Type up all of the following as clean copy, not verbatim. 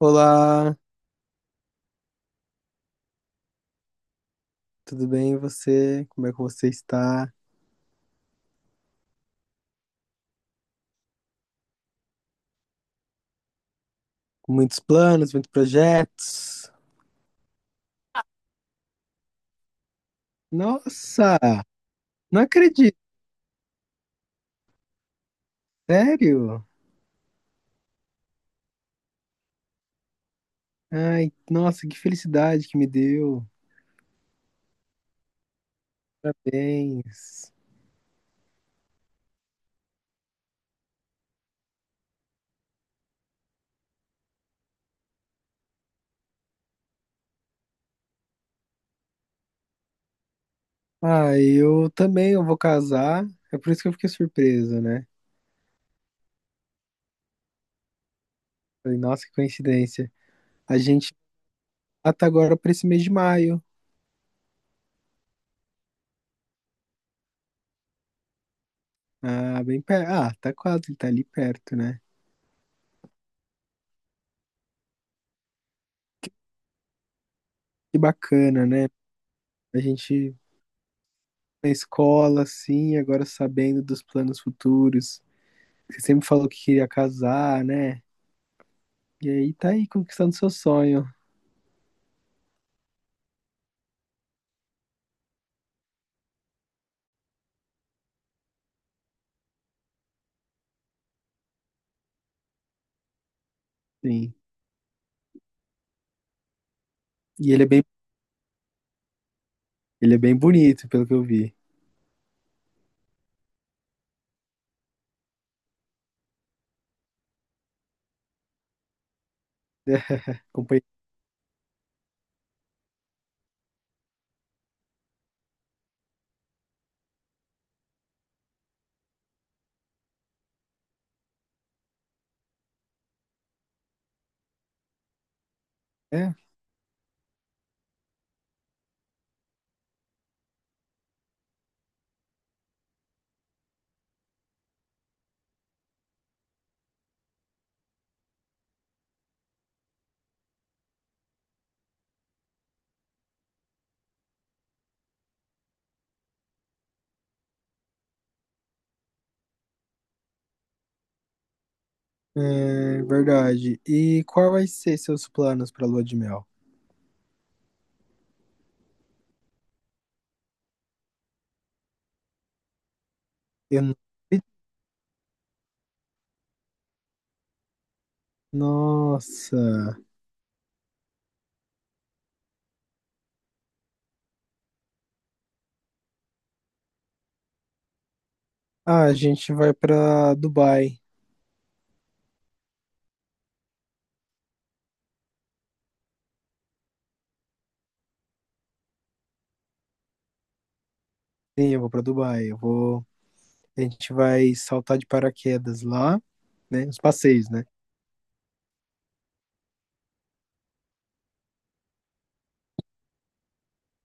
Olá, tudo bem e você? Como é que você está? Com muitos planos, muitos projetos? Nossa, não acredito, sério? Ai, nossa, que felicidade que me deu. Parabéns. Ah, eu também eu vou casar. É por isso que eu fiquei surpresa, né? Falei, nossa, que coincidência. A gente tá agora para esse mês de maio. Ah, bem perto. Ah, tá quase, tá ali perto, né? Que bacana, né? A gente na escola, assim, agora sabendo dos planos futuros. Você sempre falou que queria casar, né? E aí tá aí conquistando seu sonho, sim. E ele é bem bonito, pelo que eu vi. É, acompanhei. É, é, verdade. E qual vai ser seus planos pra lua de mel? Eu não. Nossa. Ah, a gente vai pra Dubai. Sim, eu vou pra Dubai. Eu vou. A gente vai saltar de paraquedas lá, né? Os passeios, né?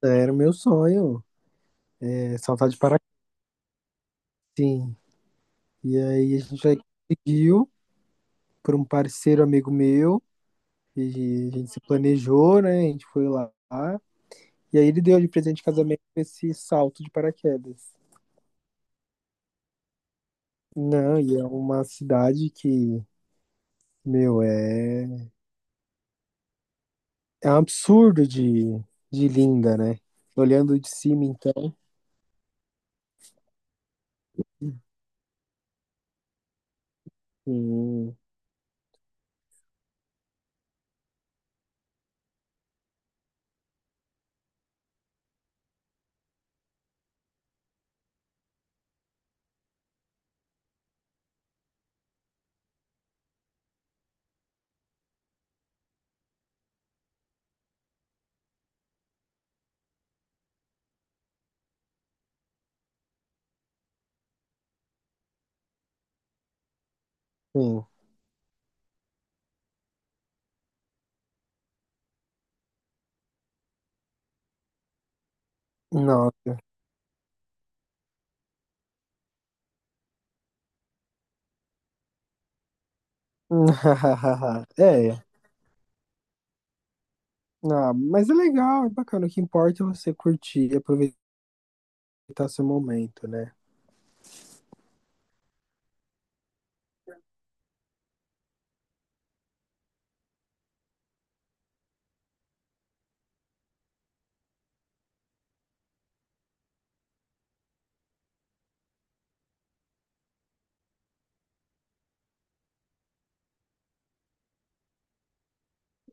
Era o meu sonho, é, saltar de paraquedas. Sim. E aí a gente já conseguiu por um parceiro amigo meu, e a gente se planejou, né? A gente foi lá. E aí ele deu de presente de casamento esse salto de paraquedas. Não, e é uma cidade que, meu, é um absurdo de linda, né? Olhando de cima, então. Sim, sim. Nossa. É. Ah, mas é legal, é bacana. O que importa é você curtir e aproveitar seu momento, né?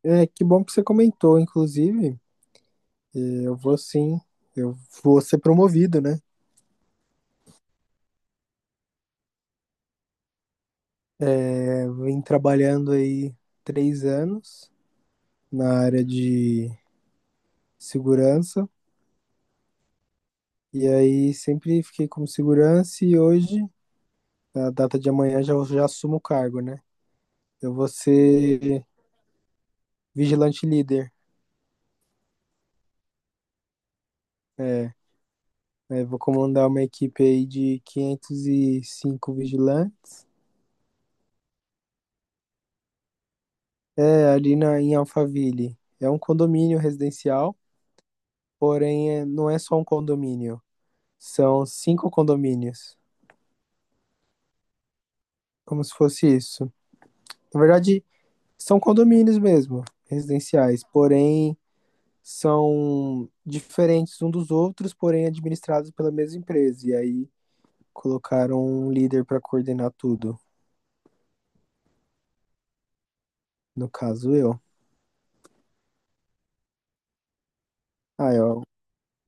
É, que bom que você comentou, inclusive. Eu vou sim, eu vou ser promovido, né? É, vim trabalhando aí 3 anos na área de segurança. E aí sempre fiquei como segurança e hoje, na data de amanhã, já assumo o cargo, né? Eu vou ser vigilante líder. É, é, vou comandar uma equipe aí de 505 vigilantes. É, ali na, em Alphaville. É um condomínio residencial. Porém, não é só um condomínio. São cinco condomínios. Como se fosse isso. Na verdade, são condomínios mesmo, residenciais. Porém, são diferentes um dos outros, porém administrados pela mesma empresa. E aí colocaram um líder para coordenar tudo. No caso, eu. Ah, eu,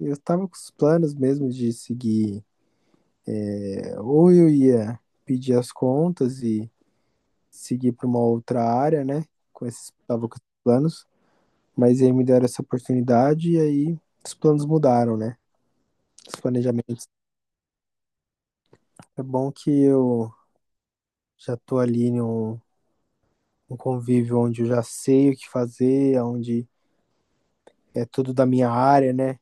eu tava com os planos mesmo de seguir. É, ou eu ia pedir as contas e seguir para uma outra área, né? Com esses, tava com esses planos. Mas aí me deram essa oportunidade e aí os planos mudaram, né? Os planejamentos. É bom que eu já tô ali num convívio onde eu já sei o que fazer, onde é tudo da minha área, né?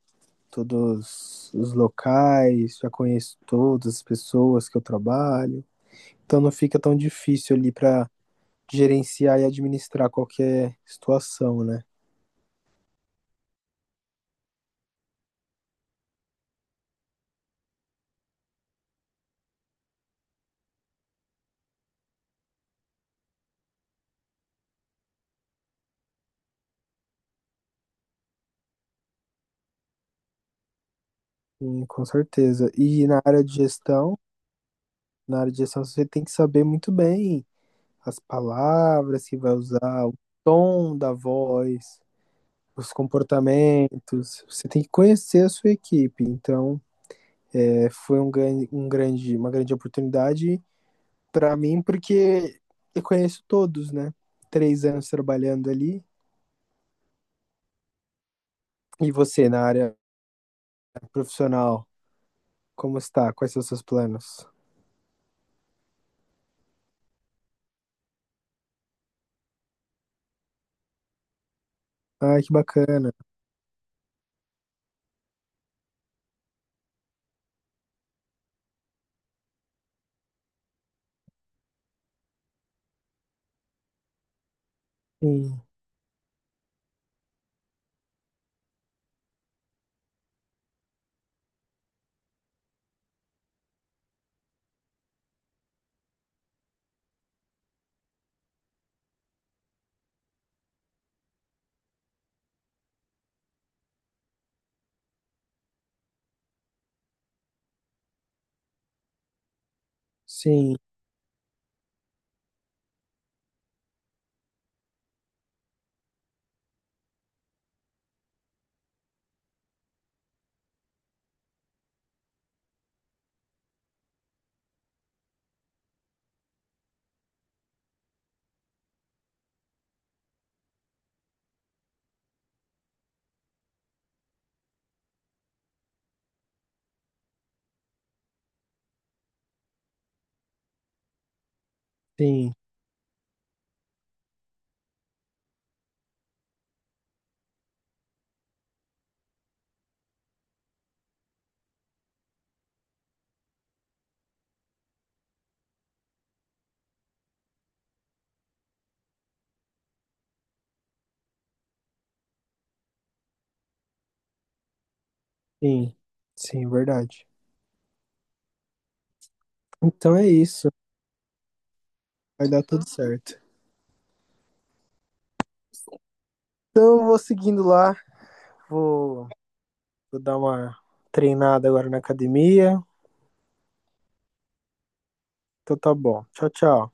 Todos os locais, já conheço todas as pessoas que eu trabalho. Então não fica tão difícil ali para gerenciar e administrar qualquer situação, né? Sim, com certeza. E na área de gestão você tem que saber muito bem as palavras que vai usar, o tom da voz, os comportamentos. Você tem que conhecer a sua equipe. Então, é, foi uma grande oportunidade para mim, porque eu conheço todos, né? 3 anos trabalhando ali. E você, na área profissional, como está? Quais são os seus planos? Ai, que bacana. Sim, sim, sim, sim, sim, verdade. Então é isso. Vai dar tudo certo. Então eu vou seguindo lá. Vou, vou dar uma treinada agora na academia. Então tá bom. Tchau, tchau.